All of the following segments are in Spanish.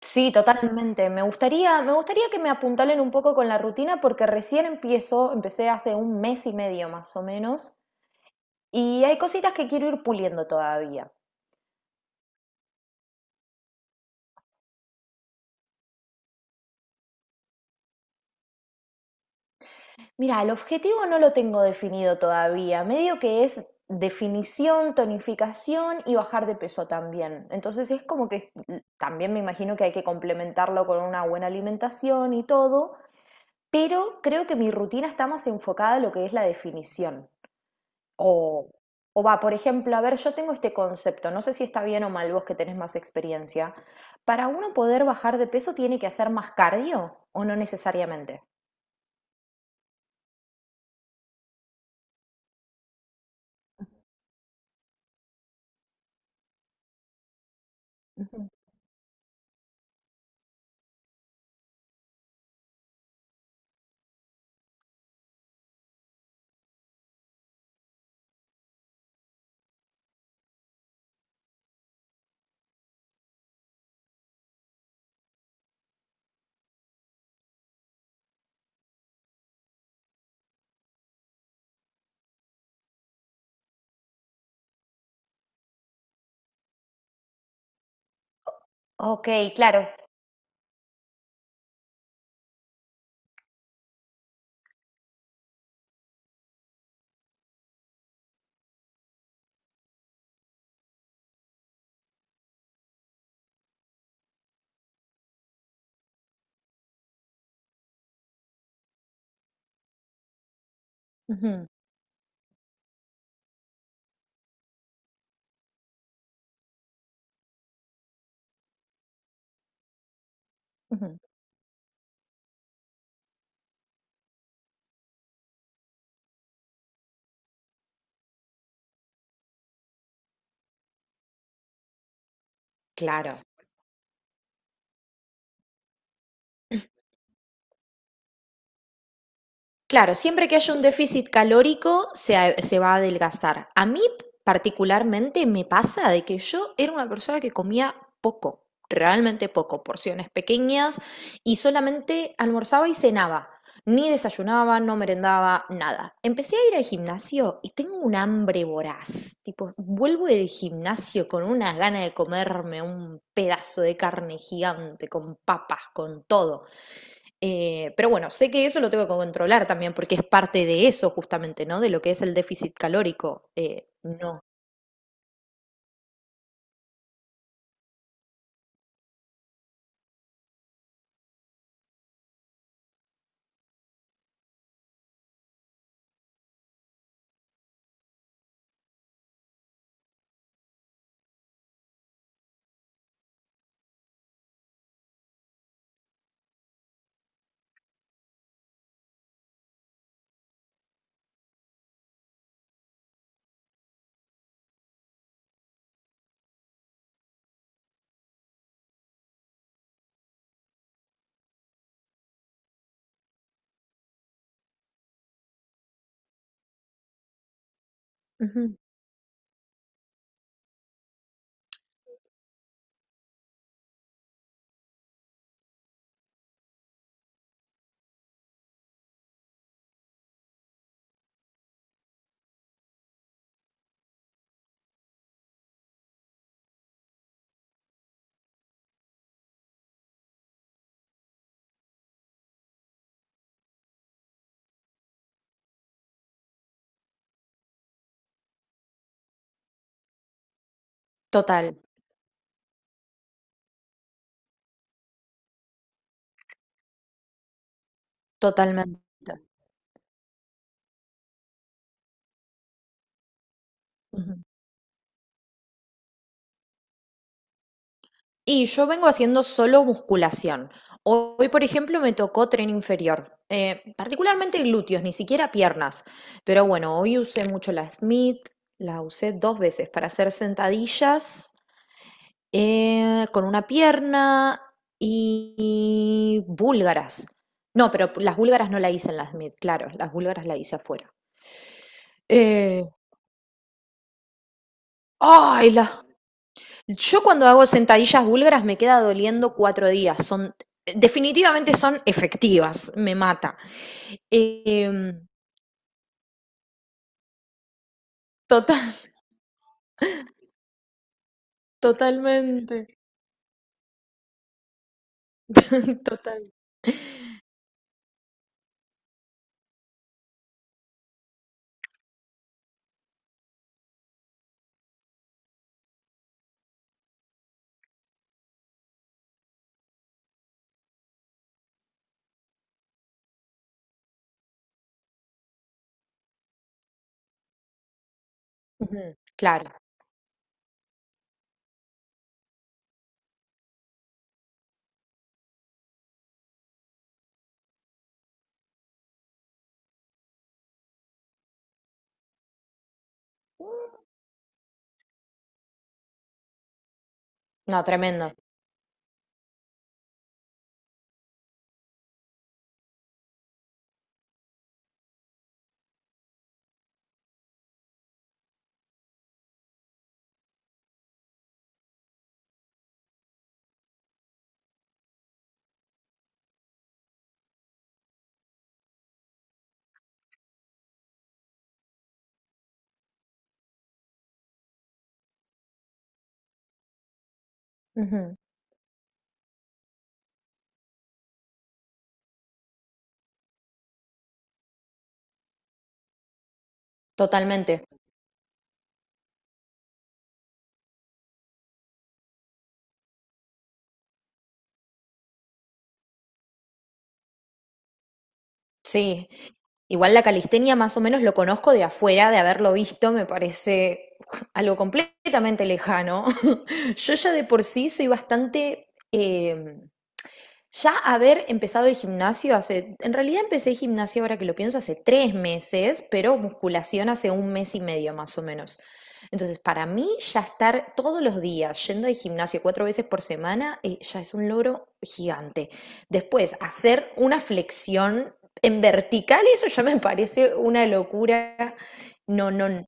Sí, totalmente. Me gustaría que me apuntalen un poco con la rutina porque empecé hace un mes y medio más o menos, y hay cositas que quiero ir puliendo todavía. Mira, el objetivo no lo tengo definido todavía, medio que es definición, tonificación y bajar de peso también. Entonces es como que también me imagino que hay que complementarlo con una buena alimentación y todo, pero creo que mi rutina está más enfocada a lo que es la definición. O, o va, por ejemplo, a ver, yo tengo este concepto, no sé si está bien o mal, vos que tenés más experiencia. ¿Para uno poder bajar de peso tiene que hacer más cardio o no necesariamente? Ujú, ok, claro, ujú, ujú, claro. Claro, siempre que haya un déficit calórico se va a adelgazar. A mí particularmente me pasa de que yo era una persona que comía poco, realmente poco, porciones pequeñas, y solamente almorzaba y cenaba. Ni desayunaba, no merendaba, nada. Empecé a ir al gimnasio y tengo un hambre voraz. Tipo, vuelvo del gimnasio con una gana de comerme un pedazo de carne gigante, con papas, con todo. Pero bueno, sé que eso lo tengo que controlar también, porque es parte de eso justamente, ¿no? De lo que es el déficit calórico. No. Ujú. Total, totalmente. Ujú. Y yo vengo haciendo solo musculación. Hoy, por ejemplo, me tocó tren inferior, particularmente glúteos, ni siquiera piernas. Pero bueno, hoy usé mucho la Smith, la usé dos veces para hacer sentadillas, con una pierna, y búlgaras. No, pero las búlgaras no la hice en las mid, claro, las búlgaras la hice afuera. Eh, Ay, yo cuando hago sentadillas búlgaras me queda doliendo 4 días. Definitivamente son efectivas, me mata. Em, Total, totalmente. Total. Ujú, claro. No, tremendo. Ujú, totalmente. Sí, igual la calistenia más o menos lo conozco de afuera, de haberlo visto, me parece algo completamente lejano. Yo ya de por sí soy bastante, ya haber empezado el gimnasio hace, en realidad empecé gimnasio, ahora que lo pienso, hace 3 meses, pero musculación hace un mes y medio más o menos. Entonces, para mí ya estar todos los días yendo al gimnasio cuatro veces por semana, ya es un logro gigante. Después, hacer una flexión en vertical, eso ya me parece una locura. No, no,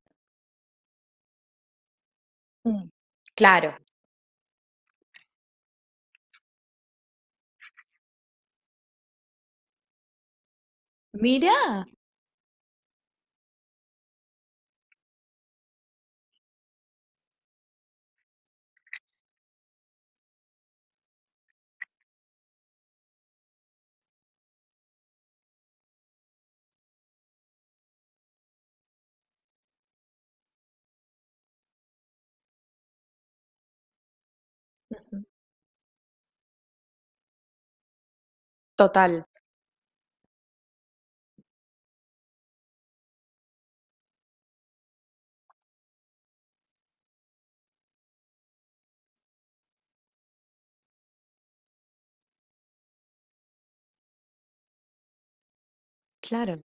mm, claro. Mirá. Total. Claro.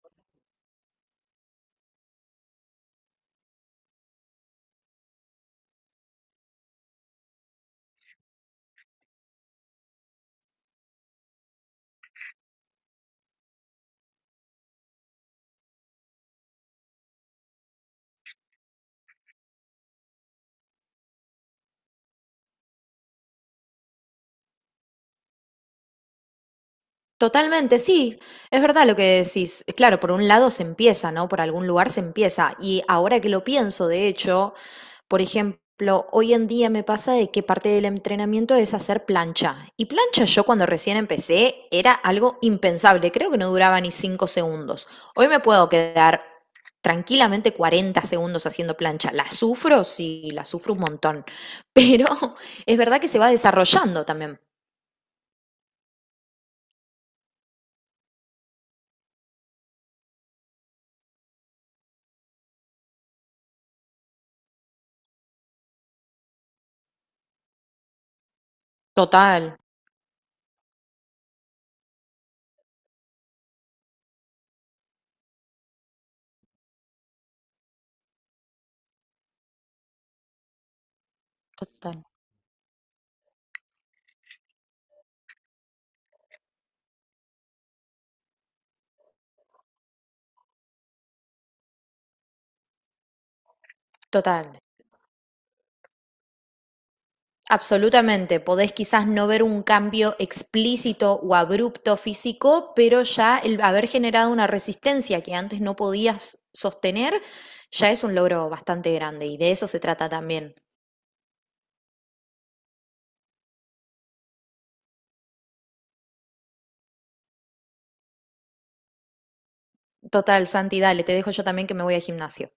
Totalmente, sí, es verdad lo que decís. Claro, por un lado se empieza, ¿no? Por algún lugar se empieza. Y ahora que lo pienso, de hecho, por ejemplo, hoy en día me pasa de que parte del entrenamiento es hacer plancha. Y plancha, yo cuando recién empecé era algo impensable, creo que no duraba ni 5 segundos. Hoy me puedo quedar tranquilamente 40 segundos haciendo plancha. La sufro, sí, la sufro un montón, pero es verdad que se va desarrollando también. Total. Total. Total. Absolutamente, podés quizás no ver un cambio explícito o abrupto físico, pero ya el haber generado una resistencia que antes no podías sostener ya es un logro bastante grande, y de eso se trata también. Total, Santi, dale, te dejo yo también que me voy al gimnasio.